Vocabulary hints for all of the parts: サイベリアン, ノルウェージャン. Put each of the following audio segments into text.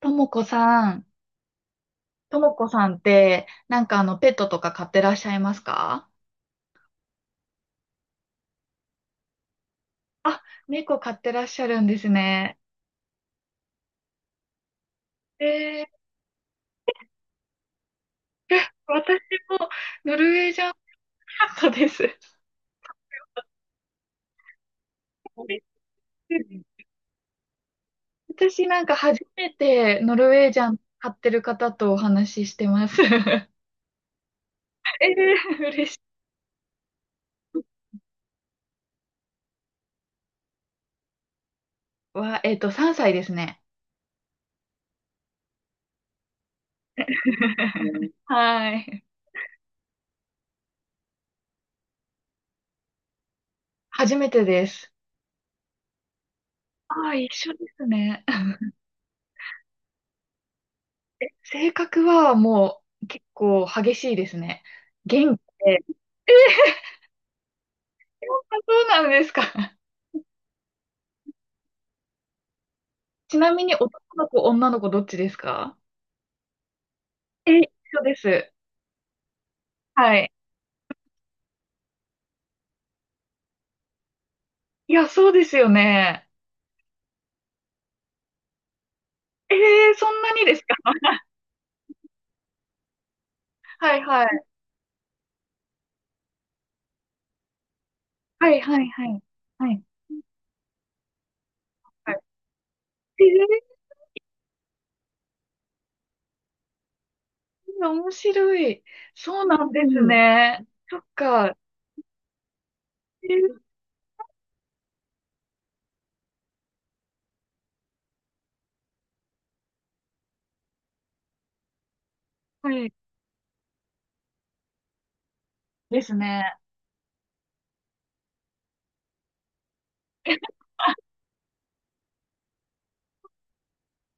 ともこさん、ともこさんって、なんかペットとか飼ってらっしゃいますか？あ、猫飼ってらっしゃるんですね。えー、私もノルウェージャンカットです。そうです、私なんか初めてノルウェージャン飼ってる方とお話ししてます。嬉しい。わ、3歳ですね。はい。初めてです。ああ、一緒ですね。性格はもう結構激しいですね。元気で。あ、そうなんですか。ちなみに男の子、女の子どっちですか？え、一緒です。はい。いや、そうですよね。そんなにですか？ はいはい。はいはいはい。はい。はい。え面白い。そうなんですね。そっか。えー、はい。ですね。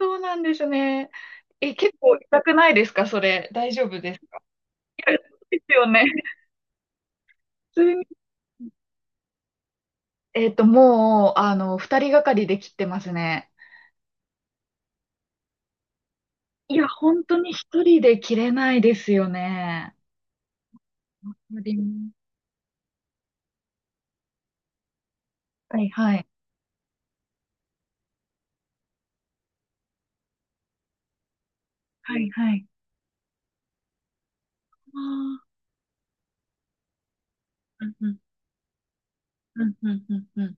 そうなんですね。え、結構痛くないですかそれ。大丈夫ですか？ですよね。普通に、もう、二人がかりで切ってますね。いや、本当に一人で切れないですよね。わかります。はいはい。はいはい。ああ、うんうん、うんうんうんうん。い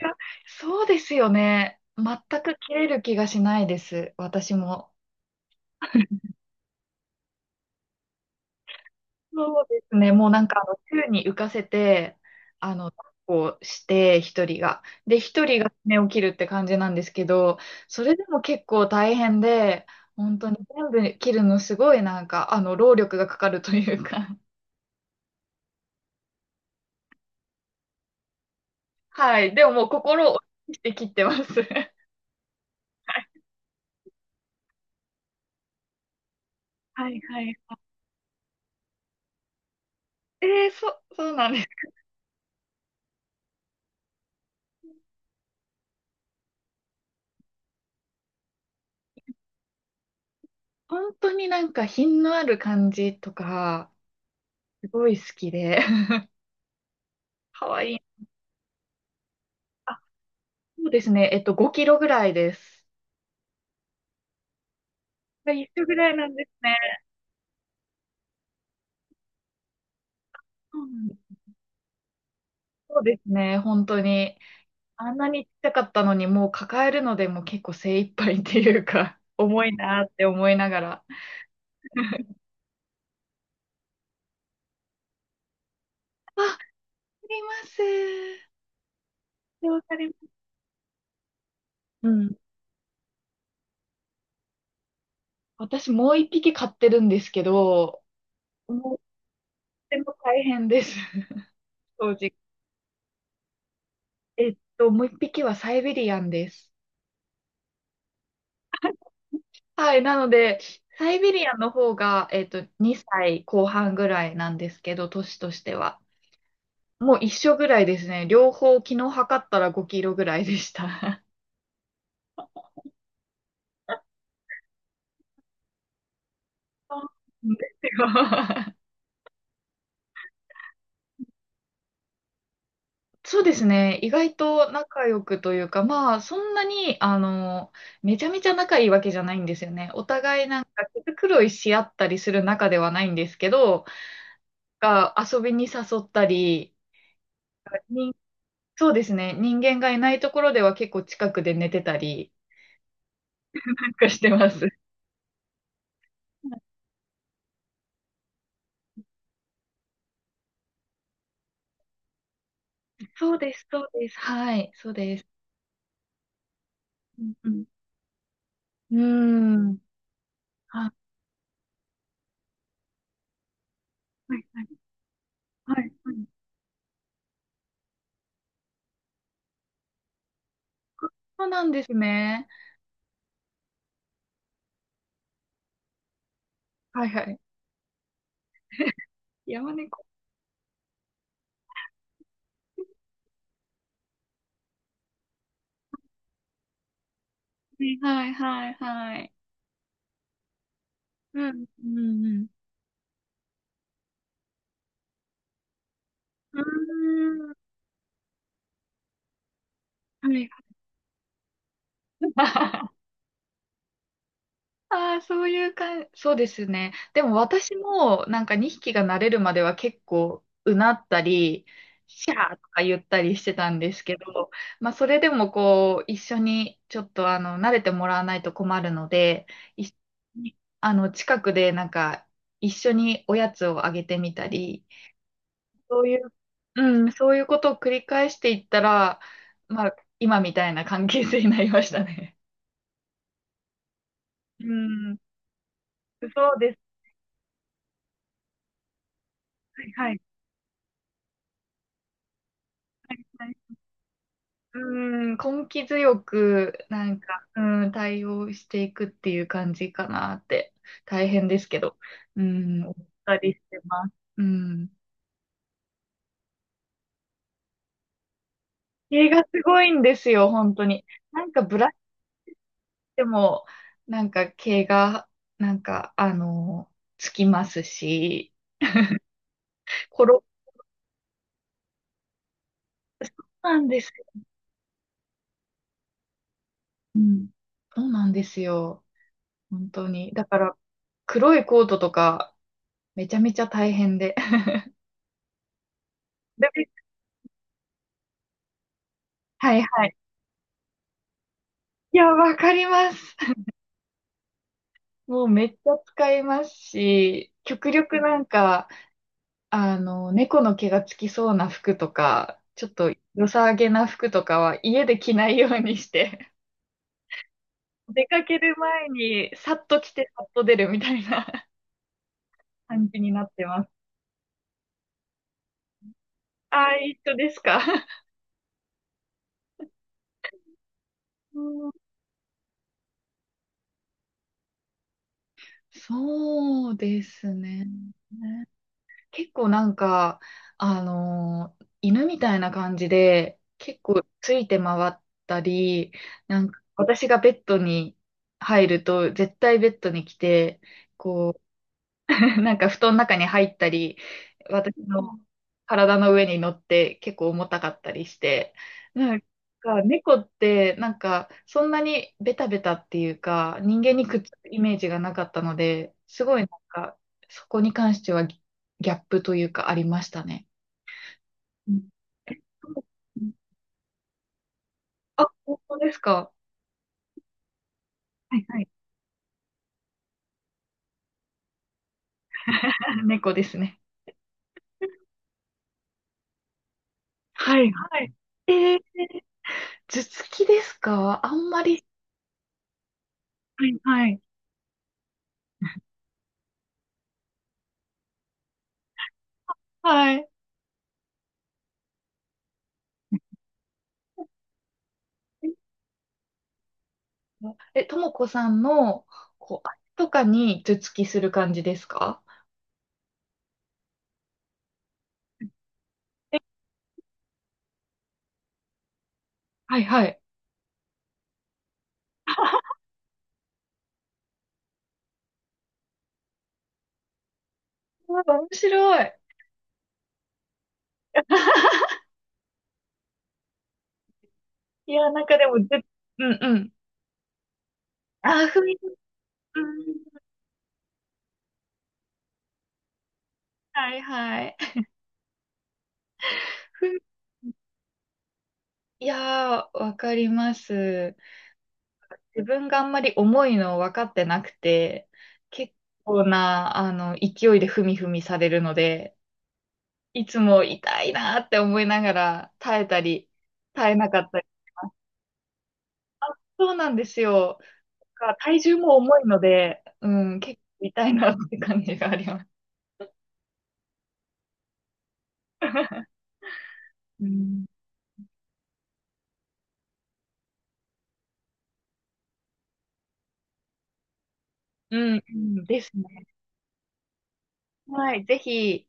や、そうですよね。全く切れる気がしないです。私も。そうですね。もうなんか、宙に浮かせて、抱っこして、一人が。で、一人が爪を切るって感じなんですけど、それでも結構大変で、本当に全部切るのすごいなんか、労力がかかるというか。はい。でももう心を鬼にして切ってます。はいはい。そうなんです。本当になんか品のある感じとか、すごい好きで。かわいい。あ、そうですね。5キロぐらいです。が一緒ぐらいなんですね。そうんです、そうですね、本当に。あんなにちっちゃかったのに、もう抱えるのでもう結構精一杯っていうか、重いなーって思いながら。あ、わかります。わかります。うん。私もう一匹飼ってるんですけど、もうとても大変です。正直。もう一匹はサイベリアンです。はい。なので、サイベリアンの方が、2歳後半ぐらいなんですけど、年としては。もう一緒ぐらいですね。両方昨日測ったら5キロぐらいでした。そうなんですよ。 そうですね。意外と仲良くというか、まあ、そんなに、めちゃめちゃ仲いいわけじゃないんですよね。お互いなんか毛繕いし合ったりする仲ではないんですけど、が遊びに誘ったり、に、そうですね。人間がいないところでは結構近くで寝てたり、なんかしてます。そうです、そうです。はい、そうです。うん、うん。うーん。はい、はい、はい、はい。そうなんですね。はい、はい。山猫。はい、はい、はい。うん、うん、うん。うーん。はい。ああ、そういう感じ、そうですね。でも私もなんか2匹が慣れるまでは結構うなったり、シャーとか言ったりしてたんですけど、まあそれでもこう一緒にちょっと慣れてもらわないと困るので、一緒に近くでなんか一緒におやつをあげてみたり、そういう、うん、そういうことを繰り返していったら、まあ今みたいな関係性になりましたね。うん、そうです。はいはい。うーん、根気強く、なんか、うん、対応していくっていう感じかなって、大変ですけど、うん、思ったりしてます。うん。毛がすごいんですよ、本当に。なんか、ブラシでも、なんか、毛が、なんか、つきますし、転ぶ、そうなんですよ。うん。そうなんですよ。本当に。だから、黒いコートとか、めちゃめちゃ大変で。で、はいはい。いや、わかります。もうめっちゃ使いますし、極力なんか、猫の毛がつきそうな服とか、ちょっと良さげな服とかは家で着ないようにして、出かける前にさっと着てさっと出るみたいな。 感じになってます。ああ、一緒ですか。うん、そうですね。結構なんか、犬みたいな感じで、結構ついて回ったり、なんか私がベッドに入ると、絶対ベッドに来て、こう、なんか布団の中に入ったり、私の体の上に乗って結構重たかったりして、なんか猫ってなんかそんなにベタベタっていうか人間にくっつくイメージがなかったので、すごいなんかそこに関してはギャップというかありましたね。うんえ本当ですか。はいはい。猫ですね。はいはい。えー頭突きですかあんまり。はいはい。はい。え、ともこさんの、こう、あれとかに頭突きする感じですか？えはいはい。うわ、面白い。いや、なんかでも、うんうん。あ、ふみ、うん、はいはい。ふみ、いやー、わかります。自分があんまり重いの分かってなくて、結構な、勢いでふみふみされるので、いつも痛いなーって思いながら耐えたり、耐えなかったり。そうなんですよ。か体重も重いので、うん、結構痛いなって感じがあります。うん、うん、うんですね。はい、ぜひ。